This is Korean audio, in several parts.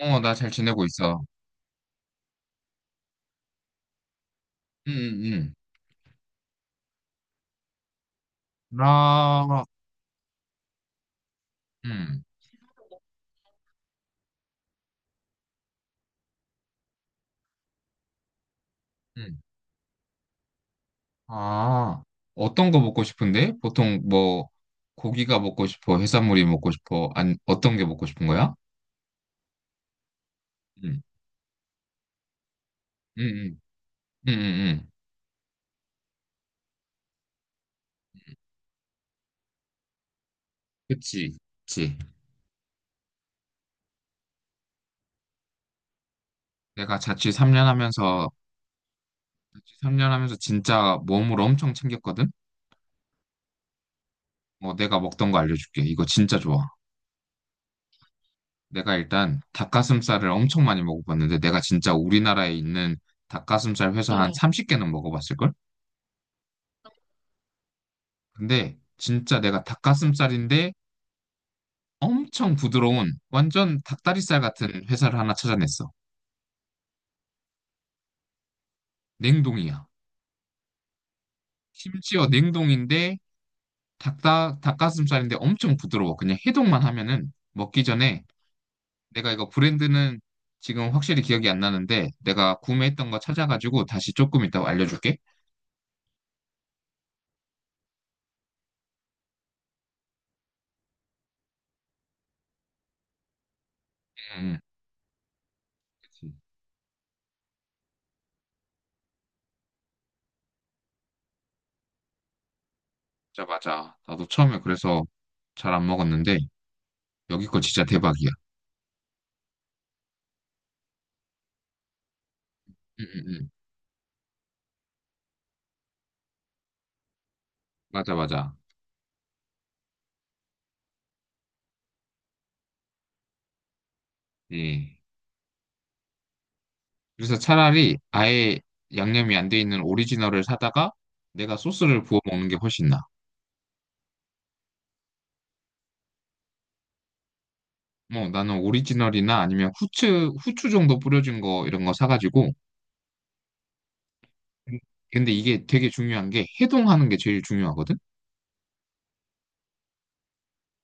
어, 나 잘 지내고 있어. 응, 응, 응. 나, 응, 응. 아, 어떤 거 먹고 싶은데? 보통 뭐, 고기가 먹고 싶어, 해산물이 먹고 싶어, 아니, 어떤 게 먹고 싶은 거야? 응, 응, 응, 응, 응. 응. 그치, 그치. 내가 자취 3년 하면서, 자취 3년 하면서 진짜 몸으로 엄청 챙겼거든? 뭐, 내가 먹던 거 알려줄게. 이거 진짜 좋아. 내가 일단 닭가슴살을 엄청 많이 먹어봤는데, 내가 진짜 우리나라에 있는 닭가슴살 회사 한삼 30개는 먹어봤을걸? 근데 진짜 내가 닭가슴살인데 엄청 부드러운 완전 닭다리살 같은 회사를 하나 찾아냈어. 냉동이야. 심지어 냉동인데 닭가슴살인데 엄청 부드러워. 그냥 해동만 하면은 먹기 전에 내가 이거 브랜드는 지금 확실히 기억이 안 나는데 내가 구매했던 거 찾아가지고 다시 조금 이따 알려줄게. 응, 응. 진짜 맞아. 나도 처음에 그래서 잘 안 먹었는데 여기 거 진짜 대박이야. 응, 응, 응. 맞아, 맞아. 예. 그래서 차라리 아예 양념이 안 돼 있는 오리지널을 사다가 내가 소스를 부어 먹는 게 훨씬 나아. 뭐 나는 오리지널이나 아니면 후추 정도 뿌려진 거 이런 거 사가지고. 근데 이게 되게 중요한 게 해동하는 게 제일 중요하거든?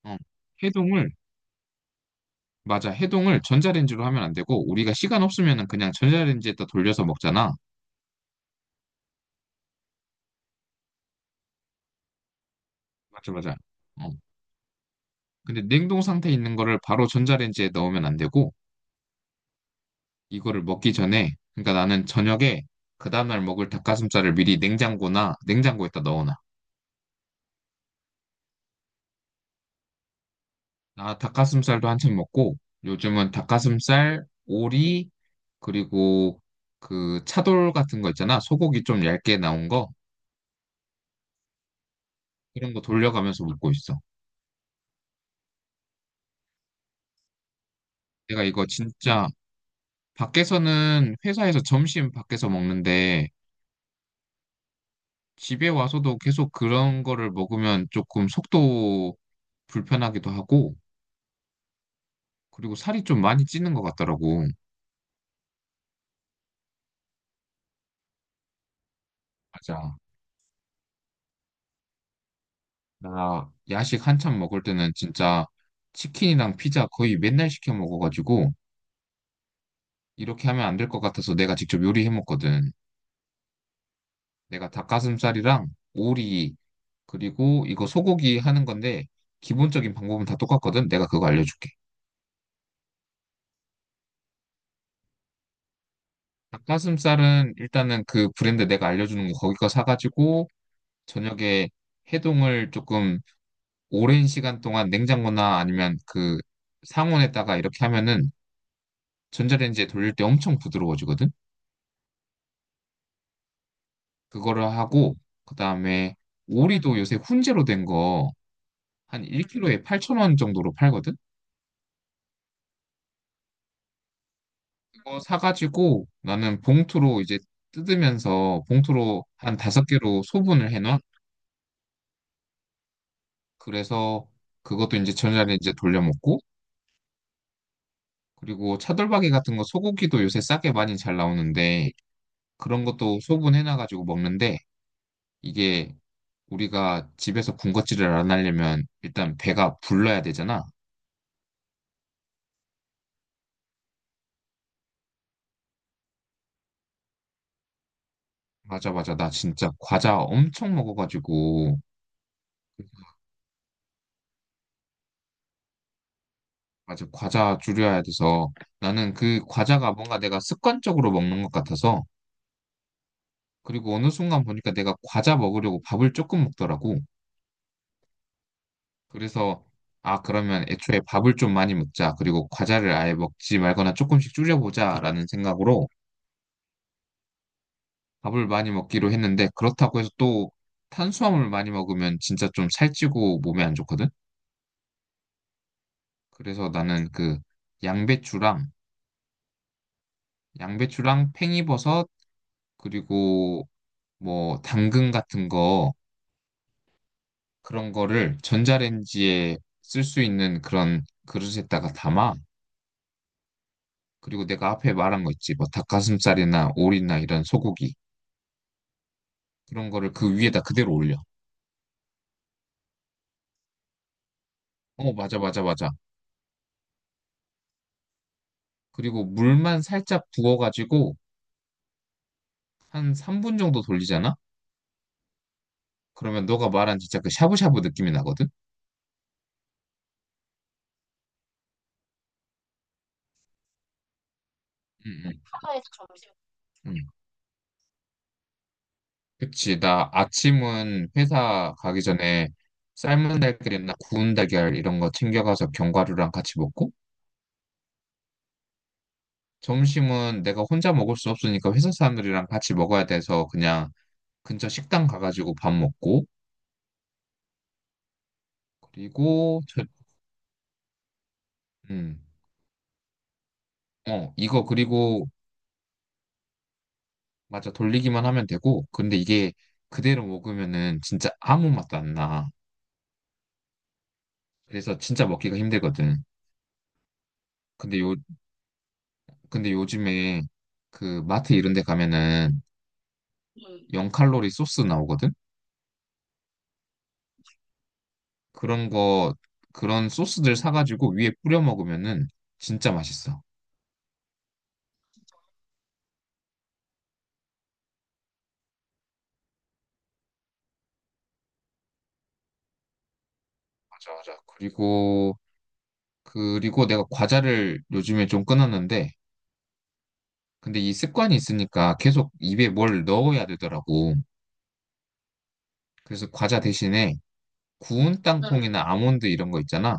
어. 해동을, 맞아. 해동을 전자레인지로 하면 안 되고 우리가 시간 없으면은 그냥 전자레인지에다 돌려서 먹잖아. 맞아, 맞아. 어. 근데 냉동 상태에 있는 거를 바로 전자레인지에 넣으면 안 되고 이거를 먹기 전에, 그러니까 나는 저녁에 그 다음날 먹을 닭가슴살을 미리 냉장고나 냉장고에다 넣어놔. 나 닭가슴살도 한참 먹고 요즘은 닭가슴살, 오리, 그리고 그 차돌 같은 거 있잖아. 소고기 좀 얇게 나온 거 이런 거 돌려가면서 먹고 있어. 내가 이거 진짜 밖에서는 회사에서 점심 밖에서 먹는데 집에 와서도 계속 그런 거를 먹으면 조금 속도 불편하기도 하고 그리고 살이 좀 많이 찌는 것 같더라고. 맞아. 나 야식 한참 먹을 때는 진짜 치킨이랑 피자 거의 맨날 시켜 먹어가지고 이렇게 하면 안 될 것 같아서 내가 직접 요리해 먹거든. 내가 닭가슴살이랑 오리 그리고 이거 소고기 하는 건데 기본적인 방법은 다 똑같거든. 내가 그거 알려줄게. 닭가슴살은 일단은 그 브랜드 내가 알려주는 거 거기 거 사가지고 저녁에 해동을 조금 오랜 시간 동안 냉장고나 아니면 그 상온에다가 이렇게 하면은 전자레인지에 돌릴 때 엄청 부드러워지거든. 그거를 하고 그다음에 오리도 요새 훈제로 된 거 한 1kg에 8,000원 정도로 팔거든. 그거 사가지고 나는 봉투로 이제 뜯으면서 봉투로 한 다섯 개로 소분을 해놔. 그래서 그것도 이제 저녁에 이제 돌려 먹고 그리고 차돌박이 같은 거 소고기도 요새 싸게 많이 잘 나오는데 그런 것도 소분해놔가지고 먹는데 이게 우리가 집에서 군것질을 안 하려면 일단 배가 불러야 되잖아. 맞아, 맞아. 나 진짜 과자 엄청 먹어가지고, 맞아. 과자 줄여야 돼서 나는 그 과자가 뭔가 내가 습관적으로 먹는 것 같아서, 그리고 어느 순간 보니까 내가 과자 먹으려고 밥을 조금 먹더라고. 그래서, 아, 그러면 애초에 밥을 좀 많이 먹자. 그리고 과자를 아예 먹지 말거나 조금씩 줄여보자 라는 생각으로 밥을 많이 먹기로 했는데, 그렇다고 해서 또 탄수화물 많이 먹으면 진짜 좀 살찌고 몸에 안 좋거든? 그래서 나는 그 양배추랑 양배추랑 팽이버섯 그리고 뭐 당근 같은 거 그런 거를 전자레인지에 쓸 수 있는 그런 그릇에다가 담아 그리고 내가 앞에 말한 거 있지 뭐 닭가슴살이나 오리나 이런 소고기 그런 거를 그 위에다 그대로 올려. 어 맞아 맞아 맞아. 그리고 물만 살짝 부어가지고 한 3분 정도 돌리잖아. 그러면 너가 말한 진짜 그 샤브샤브 느낌이 나거든. 응응. 그치, 나 아침은 회사 가기 전에 삶은 달걀이나 구운 달걀 이런 거 챙겨가서 견과류랑 같이 먹고, 점심은 내가 혼자 먹을 수 없으니까 회사 사람들이랑 같이 먹어야 돼서 그냥 근처 식당 가가지고 밥 먹고, 그리고, 저, 음, 이거 그리고, 맞아, 돌리기만 하면 되고, 근데 이게 그대로 먹으면은 진짜 아무 맛도 안 나. 그래서 진짜 먹기가 힘들거든. 근데 요, 근데 요즘에 그 마트 이런 데 가면은 0칼로리 소스 나오거든? 그런 거, 그런 소스들 사가지고 위에 뿌려 먹으면은 진짜 맛있어. 맞아, 맞아. 그리고, 그리고 내가 과자를 요즘에 좀 끊었는데, 근데 이 습관이 있으니까 계속 입에 뭘 넣어야 되더라고. 그래서 과자 대신에 구운 응. 땅콩이나 아몬드 이런 거 있잖아.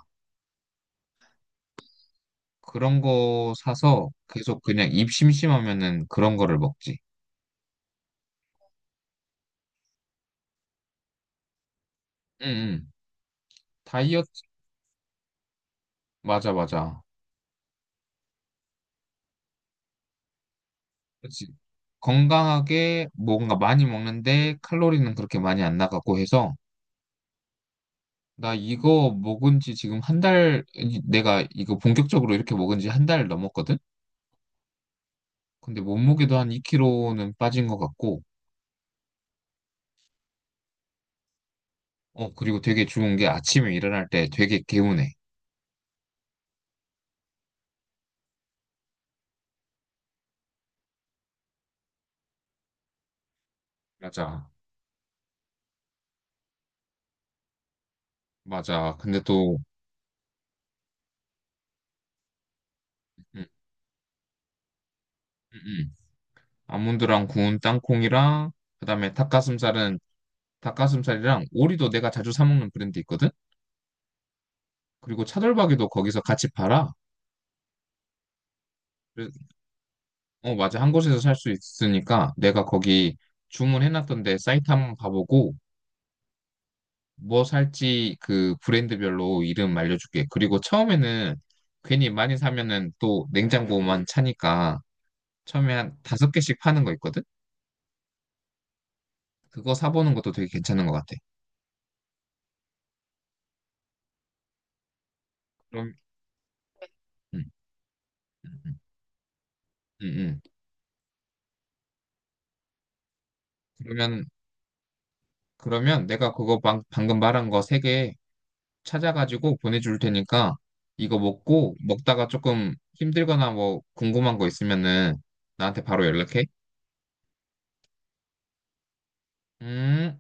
그런 거 사서 계속 그냥 입 심심하면은 그런 거를 먹지. 응, 응. 다이어트, 맞아, 맞아. 그치. 건강하게 뭔가 많이 먹는데 칼로리는 그렇게 많이 안 나가고 해서 나 이거 먹은 지 지금 1달, 내가 이거 본격적으로 이렇게 먹은 지 1달 넘었거든? 근데 몸무게도 한 2kg는 빠진 것 같고, 어, 그리고 되게 좋은 게 아침에 일어날 때 되게 개운해. 맞아. 맞아. 근데 또, 음, 음, 음. 아몬드랑 구운 땅콩이랑, 그다음에 닭가슴살은 닭가슴살이랑 오리도 내가 자주 사 먹는 브랜드 있거든? 그리고 차돌박이도 거기서 같이 팔아. 어, 맞아. 한 곳에서 살 수 있으니까 내가 거기 주문해놨던데 사이트 한번 가보고 뭐 살지 그 브랜드별로 이름 알려줄게. 그리고 처음에는 괜히 많이 사면은 또 냉장고만 차니까 처음에 한 다섯 개씩 파는 거 있거든? 그거 사보는 것도 되게 괜찮은 것 같아. 그럼, 음, 음, 음, 음. 그러면, 그러면 내가 그거 방금 말한 거세개 찾아가지고 보내줄 테니까 이거 먹고 먹다가 조금 힘들거나 뭐 궁금한 거 있으면은 나한테 바로 연락해. 음.